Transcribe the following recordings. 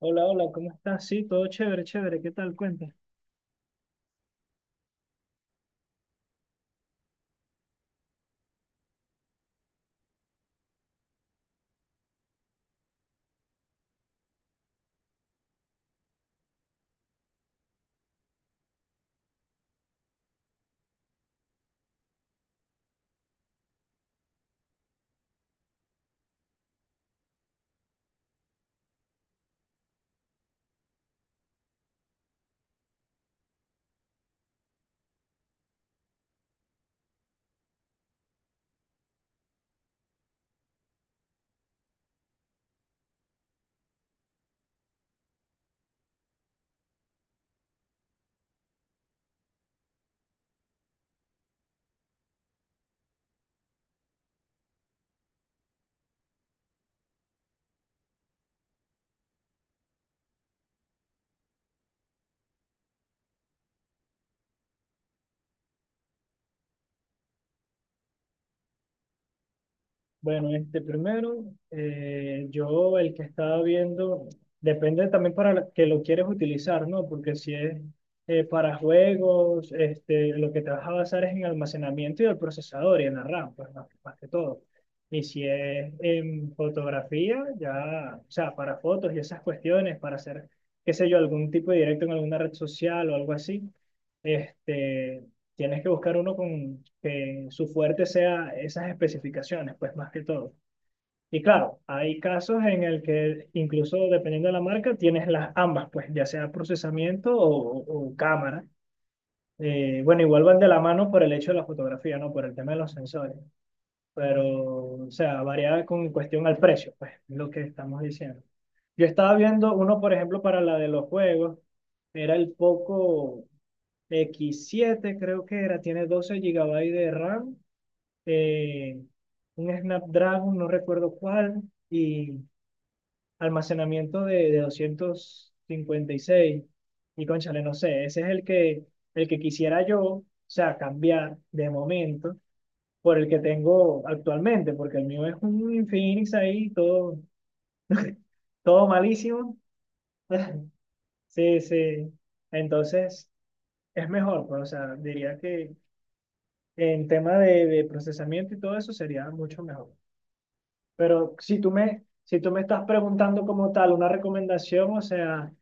Hola, hola, ¿cómo estás? Sí, todo chévere, chévere, ¿qué tal? Cuenta. Bueno, este primero, yo el que estaba viendo, depende también para que lo quieres utilizar, ¿no? Porque si es para juegos, este, lo que te vas a basar es en almacenamiento y el procesador y en la RAM, pues más que todo. Y si es en fotografía, ya, o sea, para fotos y esas cuestiones, para hacer, qué sé yo, algún tipo de directo en alguna red social o algo así. Este, tienes que buscar uno con que su fuerte sea esas especificaciones, pues más que todo. Y claro, hay casos en el que incluso dependiendo de la marca tienes las ambas, pues ya sea procesamiento o cámara. Bueno, igual van de la mano por el hecho de la fotografía, no por el tema de los sensores, pero o sea, varía con cuestión al precio, pues es lo que estamos diciendo. Yo estaba viendo uno, por ejemplo, para la de los juegos, era el Poco X7 creo que era, tiene 12 gigabytes de RAM, eh, un Snapdragon, no recuerdo cuál, y almacenamiento de 256. Y seis. Y cónchale, no sé, ese es el que quisiera yo, o sea, cambiar de momento por el que tengo actualmente, porque el mío es un Infinix ahí, todo, todo malísimo. Sí, sí. Entonces, es mejor, pues, o sea, diría que en tema de procesamiento y todo eso sería mucho mejor. Pero si tú me estás preguntando como tal una recomendación, o sea,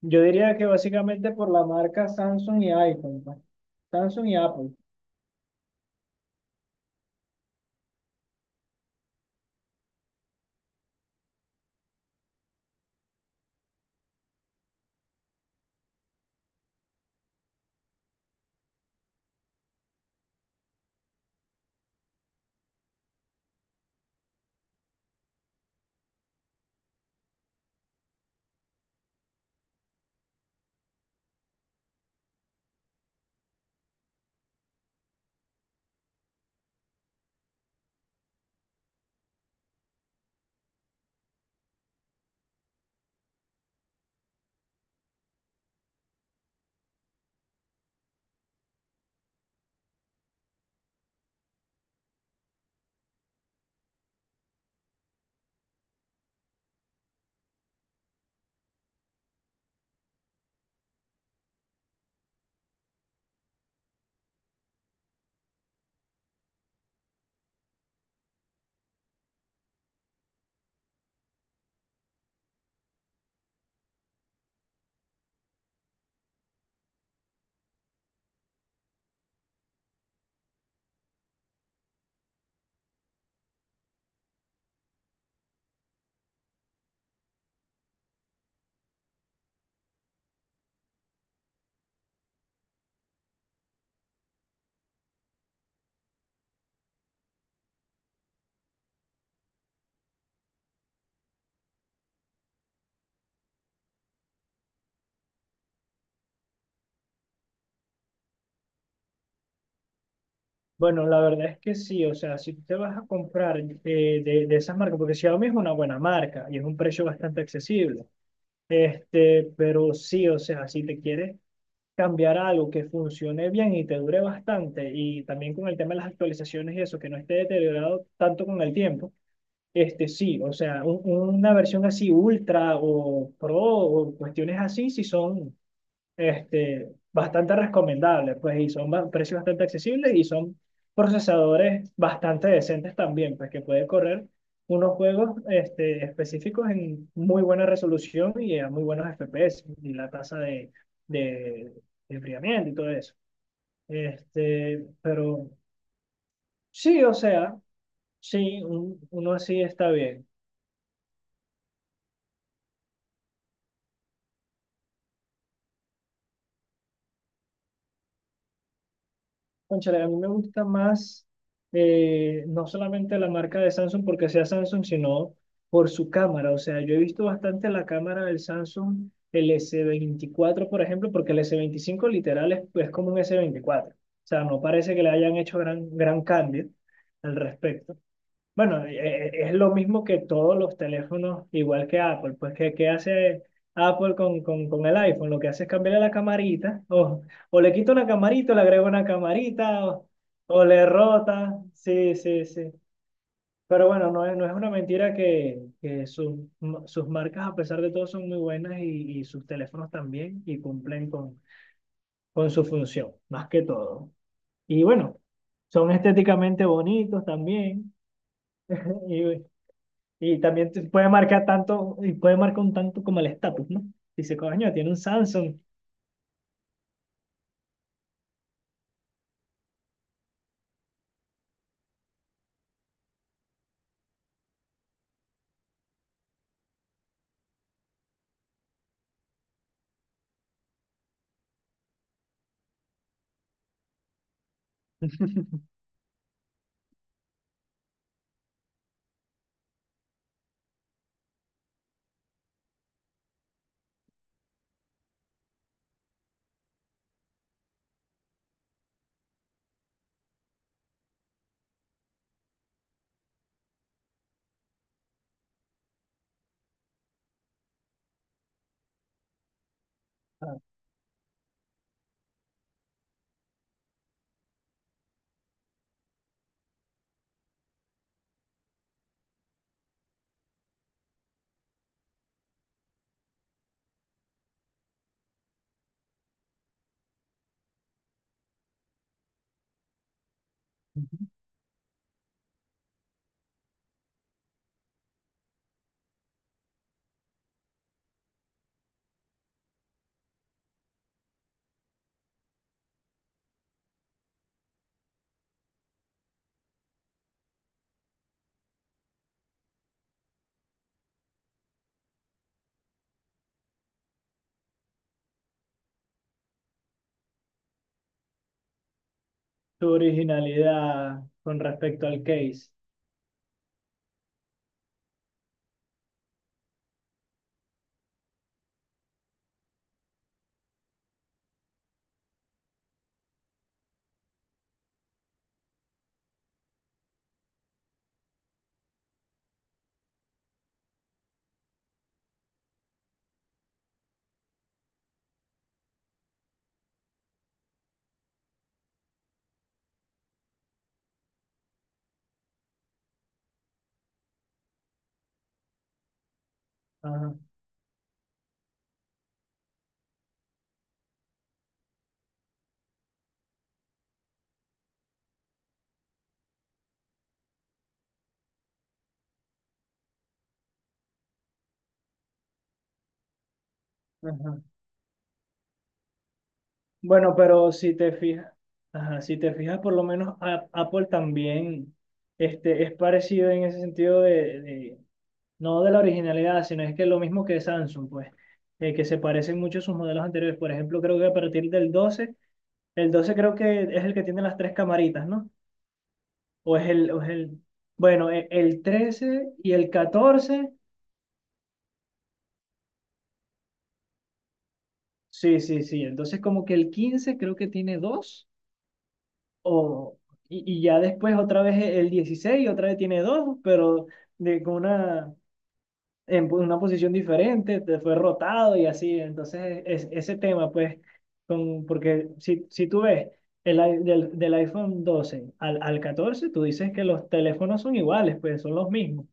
yo diría que básicamente por la marca Samsung y iPhone, pues. Samsung y Apple. Bueno, la verdad es que sí, o sea, si tú te vas a comprar de esas marcas, porque Xiaomi es una buena marca y es un precio bastante accesible, este, pero sí, o sea, si te quieres cambiar a algo que funcione bien y te dure bastante y también con el tema de las actualizaciones y eso, que no esté deteriorado tanto con el tiempo. Este sí, o sea, una versión así ultra o pro o cuestiones así sí son, este, bastante recomendables, pues, y son precios bastante accesibles y son procesadores bastante decentes también, pues, que puede correr unos juegos, este, específicos en muy buena resolución y a muy buenos FPS y la tasa de, de enfriamiento y todo eso. Este, pero sí, o sea, sí, uno así está bien. Cónchale, a mí me gusta más, no solamente la marca de Samsung porque sea Samsung, sino por su cámara. O sea, yo he visto bastante la cámara del Samsung, el S24, por ejemplo, porque el S25 literal es como un S24. O sea, no parece que le hayan hecho gran, gran cambio al respecto. Bueno, es lo mismo que todos los teléfonos, igual que Apple. Pues, ¿qué hace Apple con el iPhone? Lo que hace es cambiarle la camarita, o le quito una camarita, o le agrego una camarita, o le rota. Sí, sí, sí. Pero bueno, no es una mentira que sus, sus marcas, a pesar de todo, son muy buenas y sus teléfonos también, y cumplen con su función, más que todo. Y bueno, son estéticamente bonitos también. Y, Y también te puede marcar tanto, y puede marcar un tanto como el estatus, ¿no? Dice, coño, tiene un Samsung. Ah, tu originalidad con respecto al case. Ajá, ajá. Bueno, pero si te fijas, ajá, si te fijas, por lo menos Apple también, este, es parecido en ese sentido de, no de la originalidad, sino es que lo mismo que Samsung, pues, que se parecen mucho a sus modelos anteriores. Por ejemplo, creo que a partir del 12, el 12 creo que es el que tiene las tres camaritas, ¿no? O es el, bueno, el 13 y el 14, sí, sí, sí. Entonces como que el 15 creo que tiene dos, o, y ya después otra vez, el 16 otra vez tiene dos, pero de, con una, una posición diferente, te fue rotado y así. Entonces es, ese tema, pues, con, porque si tú ves el, del iPhone 12 al 14 tú dices que los teléfonos son iguales, pues son los mismos.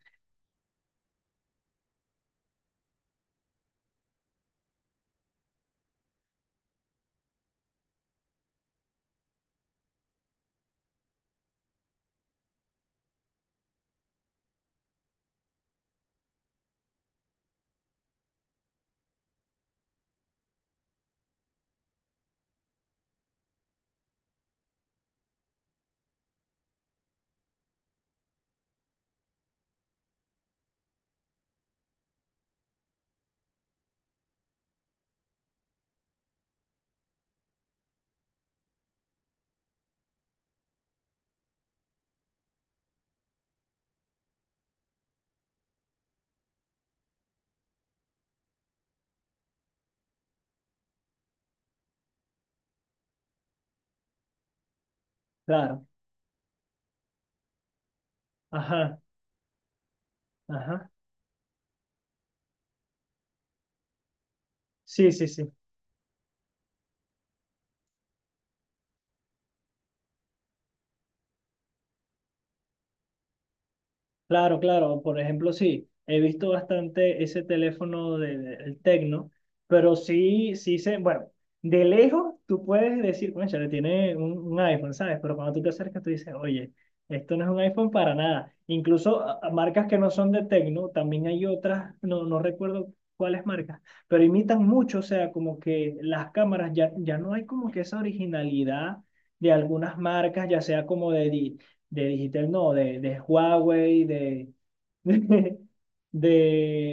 Claro, ajá, ajá. Sí, sí, sí. Claro, claro. Por ejemplo, sí, he visto bastante ese teléfono del de, el Tecno, pero sí, bueno, de lejos tú puedes decir, bueno, le tiene un iPhone, ¿sabes? Pero cuando tú te acercas, tú dices, oye, esto no es un iPhone para nada. Incluso a marcas que no son de Tecno, también hay otras, no, no recuerdo cuáles marcas, pero imitan mucho, o sea, como que las cámaras ya no hay como que esa originalidad de algunas marcas, ya sea como de, de Digitel, no, de Huawei, de,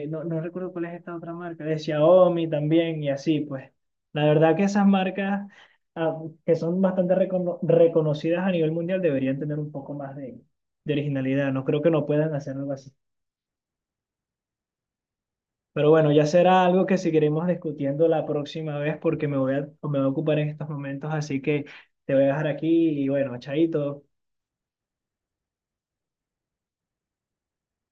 no, no recuerdo cuál es esta otra marca, de Xiaomi también y así, pues. La verdad que esas marcas, ah, que son bastante reconocidas a nivel mundial, deberían tener un poco más de originalidad. No creo que no puedan hacer algo así. Pero bueno, ya será algo que seguiremos discutiendo la próxima vez porque me voy a ocupar en estos momentos, así que te voy a dejar aquí y bueno, chaito.